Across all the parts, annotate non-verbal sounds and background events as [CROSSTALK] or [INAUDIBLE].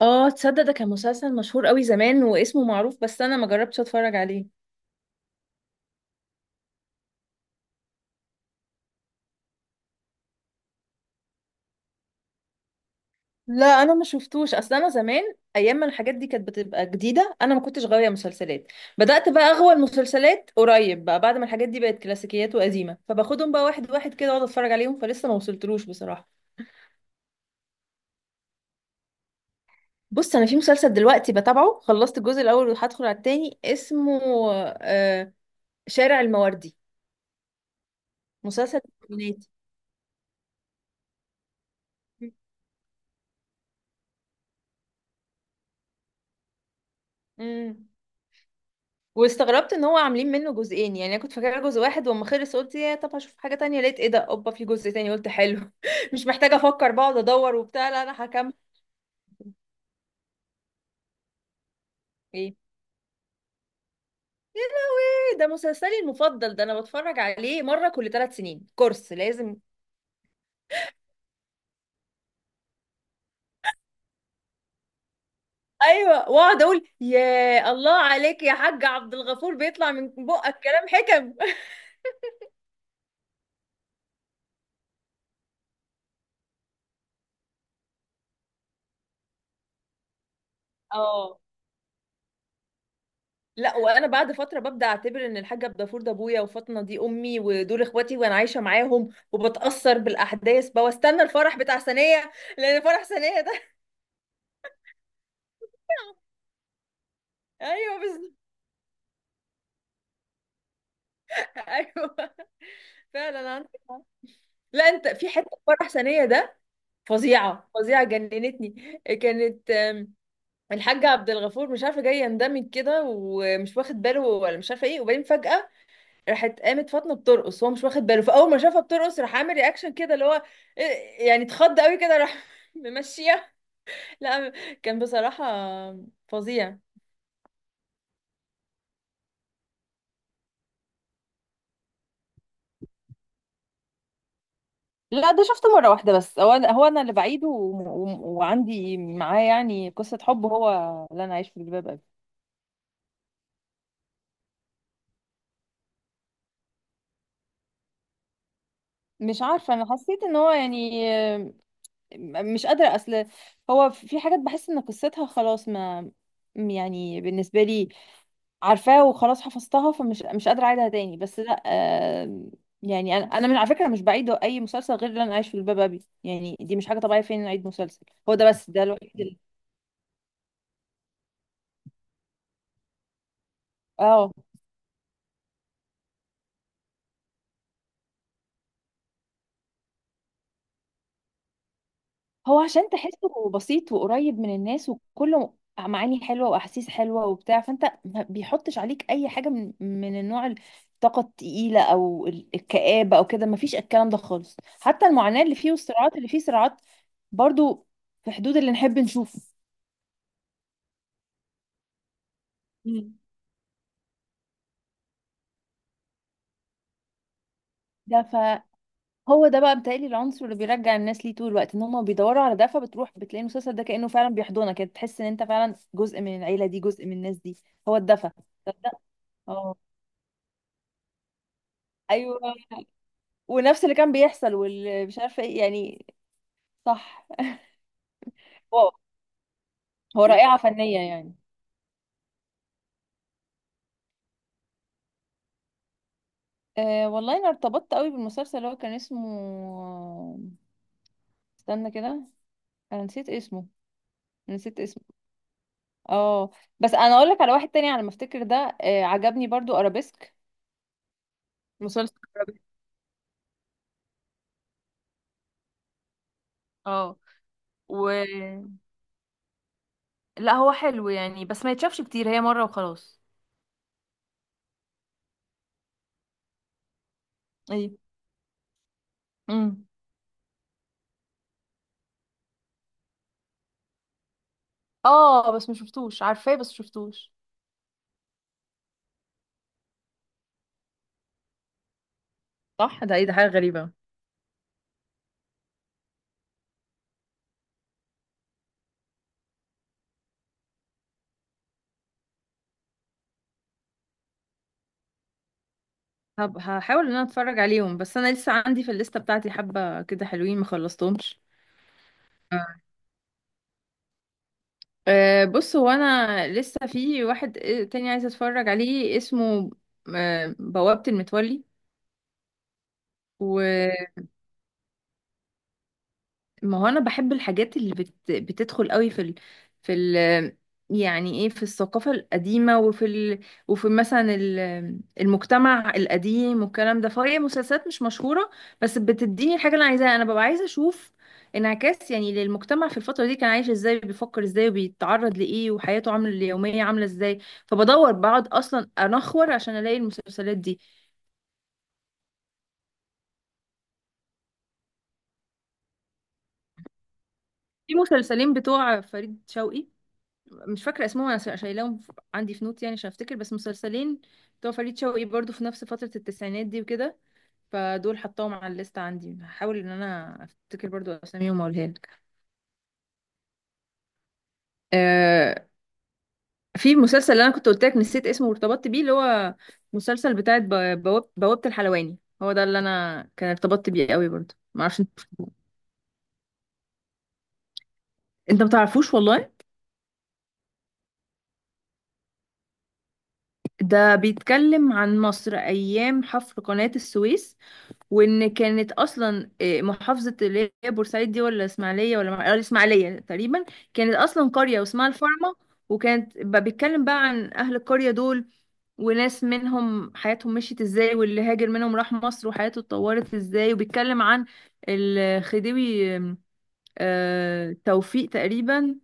اه، تصدق؟ ده كان مسلسل مشهور قوي زمان واسمه معروف، بس انا ما جربتش اتفرج عليه. لا، انا ما شفتوش، اصل انا زمان، ايام ما الحاجات دي كانت بتبقى جديده، انا ما كنتش غاويه مسلسلات. بدات بقى اغوى المسلسلات قريب، بقى بعد ما الحاجات دي بقت كلاسيكيات وقديمه، فباخدهم بقى واحد واحد كده واقعد اتفرج عليهم، فلسه ما وصلتلوش بصراحه. بص، انا في مسلسل دلوقتي بتابعه، خلصت الجزء الاول وهدخل على التاني، اسمه آه شارع المواردي، مسلسل تلفزيوني. مم. واستغربت ان هو عاملين منه جزئين، يعني انا كنت فاكره جزء واحد، واما خلص قلت يا طب هشوف حاجه تانية، لقيت ايه ده، اوبا في جزء تاني، قلت حلو [LAUGHS] مش محتاجه افكر بقعد ادور وبتاع، لا انا هكمل. ايه، ده مسلسلي المفضل ده، انا بتفرج عليه مره كل 3 سنين، كورس لازم. ايوه، واقعد اقول يا الله عليك يا حاج عبد الغفور، بيطلع من بقك كلام حكم. [LAUGHS] اه. لا، وانا بعد فتره ببدا اعتبر ان الحاج عبد الغفور ده ابويا، وفاطمه دي امي، ودول اخواتي، وانا عايشه معاهم، وبتاثر بالاحداث بقى واستنى الفرح بتاع سنيه، لان فرح سنيه ده... [LAUGHS] ايوه بالظبط، ايوه. [LAUGHS] فعلا عندك حق. لا، انت في حته في فرح سنيه ده، فظيعه فظيعه جننتني، كانت آم، الحاج عبد الغفور مش عارفه جاي يندمج كده ومش واخد باله، ولا مش عارفه ايه، وبعدين فجاه راحت قامت فاطمه بترقص، هو مش واخد باله، فاول ما شافها بترقص راح عامل رياكشن كده اللي هو يعني اتخض قوي كده، راح [LAUGHS] ممشيها. لا، كان بصراحه فظيع. لا، ده شفته مرة واحدة بس، هو أنا اللي بعيده وعندي معاه يعني قصة حب، هو اللي أنا عايش في جلباب أبي. مش عارفة، أنا حسيت إن هو يعني مش قادرة، أصل هو في حاجات بحس إن قصتها خلاص ما... يعني بالنسبة لي عارفاه وخلاص حفظتها، فمش مش قادرة أعيدها تاني بس، لا آه. يعني أنا من على فكرة مش بعيد أي مسلسل غير اللي أنا عايش في الباب أبي، يعني دي مش حاجة طبيعية فين أعيد مسلسل، هو ده بس ده الوحيد [LAUGHS] اه. هو عشان تحسه بسيط وقريب من الناس، وكله معاني حلوة وأحاسيس حلوة وبتاع، فأنت ما بيحطش عليك أي حاجة من النوع الطاقة التقيلة أو الكآبة أو كده، مفيش الكلام ده خالص، حتى المعاناة اللي فيه والصراعات اللي فيه صراعات برضو في حدود اللي نحب نشوفه. ده فهو ده بقى بيتهيألي العنصر اللي بيرجع الناس ليه طول الوقت، ان هم بيدوروا على ده، فبتروح بتلاقي المسلسل ده كأنه فعلا بيحضنك كده، تحس ان انت فعلا جزء من العيلة دي، جزء من الناس دي، هو الدفى، تصدق؟ اه، ايوه، ونفس اللي كان بيحصل واللي مش عارفة ايه يعني، صح، واو. هو رائعة فنية يعني. أه والله، انا ارتبطت قوي بالمسلسل اللي هو كان اسمه، استنى كده، انا نسيت اسمه، نسيت اسمه. اه، بس انا اقول لك على واحد تاني على ما افتكر ده، عجبني برضو ارابيسك. مسلسل، اه و لا هو حلو يعني بس ما يتشافش كتير، هي مرة وخلاص. ايه، امم اه بس ما شفتوش، عارفاه بس شفتوش. صح، ده ايه ده، حاجة غريبة. هحاول ان انا اتفرج عليهم، بس انا لسه عندي في الليستة بتاعتي حبة كده حلوين ما خلصتهمش. بص، هو انا لسه في واحد تاني عايزة اتفرج عليه، اسمه بوابة المتولي. ما هو انا بحب الحاجات اللي بتدخل قوي في ال... يعني ايه في الثقافة القديمة، وفي مثلا المجتمع القديم والكلام ده، فهي مسلسلات مش مشهورة، بس بتديني الحاجة اللي انا عايزاها، انا ببقى عايزة اشوف انعكاس يعني للمجتمع في الفترة دي كان عايش ازاي، بيفكر ازاي، وبيتعرض لايه، وحياته عاملة اليومية عاملة ازاي، فبدور بقعد اصلا انخور عشان الاقي المسلسلات دي. في مسلسلين بتوع فريد شوقي، مش فاكرة اسمهم، أنا شايلاهم عندي في نوت يعني عشان أفتكر، بس مسلسلين بتوع فريد شوقي برضو في نفس فترة التسعينات دي وكده، فدول حطاهم على الليست عندي، هحاول إن أنا أفتكر برضو أساميهم وأقولها لك. آه في مسلسل اللي أنا كنت قلت لك نسيت اسمه وارتبطت بيه، اللي هو مسلسل بتاع بوابة الحلواني، هو ده اللي أنا كان ارتبطت بيه قوي برضو، معرفش انت. انت متعرفوش والله. ده بيتكلم عن مصر أيام حفر قناة السويس، وان كانت اصلا محافظه اللي هي بورسعيد دي ولا اسماعيليه، ولا الاسماعيليه تقريبا، كانت اصلا قريه واسمها الفارمه. وكانت بيتكلم بقى عن اهل القريه دول، وناس منهم حياتهم مشيت ازاي، واللي هاجر منهم راح مصر وحياته اتطورت ازاي، وبيتكلم عن الخديوي توفيق تقريبا،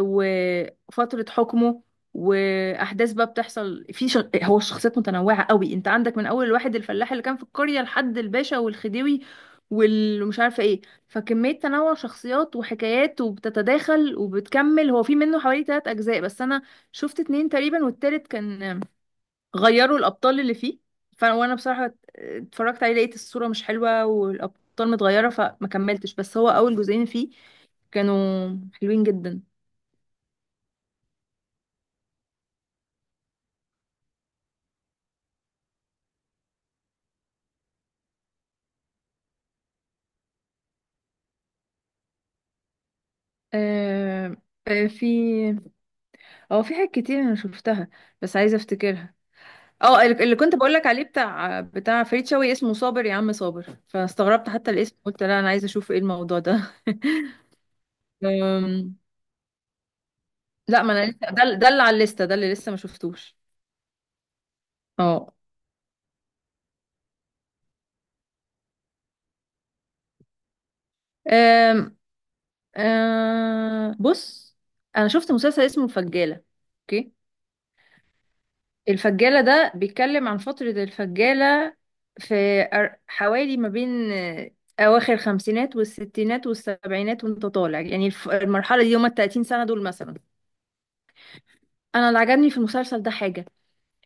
وفترة حكمه، وأحداث بقى بتحصل هو الشخصيات متنوعة قوي، انت عندك من أول الواحد الفلاح اللي كان في القرية لحد الباشا والخديوي والمش عارفة ايه، فكمية تنوع شخصيات وحكايات وبتتداخل وبتكمل، هو في منه حوالي تلات أجزاء، بس أنا شفت اتنين تقريبا، والتالت كان غيروا الأبطال اللي فيه، وانا بصراحة اتفرجت عليه لقيت الصورة مش حلوة والأبطال متغيرة فما كملتش، بس هو أول جزئين فيه كانوا حلوين جدا. آه، آه، في حاجات كتير انا شفتها، بس عايزه افتكرها. اه، اللي كنت بقولك عليه بتاع فريد شوقي اسمه صابر يا عم صابر، فاستغربت حتى الاسم، قلت لا انا عايزه اشوف ايه الموضوع ده. [LAUGHS] أم، لا، ما انا لسه، ده اللي على الليسته، ده اللي لسه ما شفتوش. اه، أم، آه، بص، انا شفت مسلسل اسمه الفجاله، اوكي. الفجالة ده بيتكلم عن فترة الفجالة، حوالي ما بين أواخر الخمسينات والستينات والسبعينات وانت طالع، يعني المرحلة دي هما التلاتين سنة دول مثلا. أنا اللي عجبني في المسلسل ده حاجة،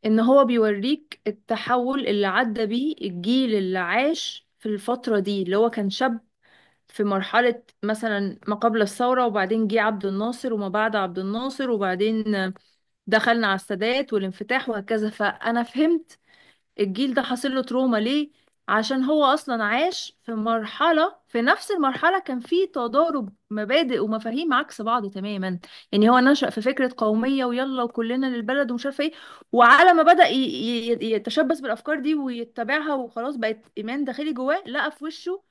إن هو بيوريك التحول اللي عدى بيه الجيل اللي عاش في الفترة دي، اللي هو كان شاب في مرحلة مثلا ما قبل الثورة، وبعدين جه عبد الناصر وما بعد عبد الناصر، وبعدين دخلنا على السادات والانفتاح وهكذا، فأنا فهمت الجيل ده حاصل له تروما ليه، عشان هو اصلا عاش في مرحله، في نفس المرحله كان في تضارب مبادئ ومفاهيم عكس بعض تماما. يعني هو نشأ في فكره قوميه، ويلا وكلنا للبلد ومش عارفه ايه، وعلى ما بدأ يتشبث بالافكار دي ويتبعها وخلاص بقت ايمان داخلي جواه، لقى في وشه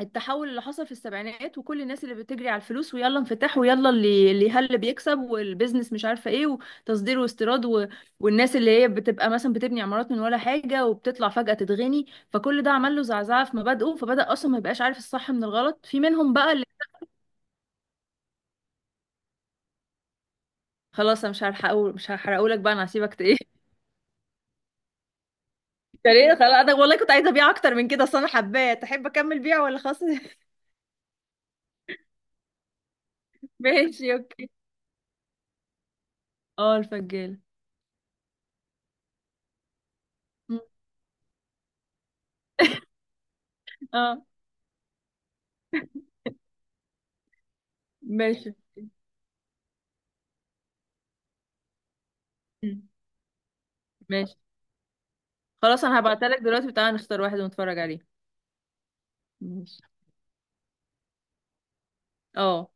التحول اللي حصل في السبعينات، وكل الناس اللي بتجري على الفلوس، ويلا انفتاح، ويلا اللي هل بيكسب والبيزنس مش عارفه ايه، وتصدير واستيراد والناس اللي هي بتبقى مثلا بتبني عمارات من ولا حاجه وبتطلع فجأة تتغني، فكل ده عمل له زعزعه في مبادئه، فبدأ اصلا ما يبقاش عارف الصح من الغلط في منهم بقى اللي... خلاص، انا مش هحرقه، مش هحرقهولك بقى، انا هسيبك ايه. [LAUGHS] ليه؟ خلاص، انا والله كنت عايزه ابيع اكتر من كده، اصل انا حباه، تحب اكمل بيع ولا خلاص؟ [LAUGHS] ماشي، اوكي. اه، الفجاله. م. اه، ماشي. م. ماشي، خلاص انا هبعتلك دلوقتي، وتعالى نختار واحد ونتفرج عليه. ماشي، اه.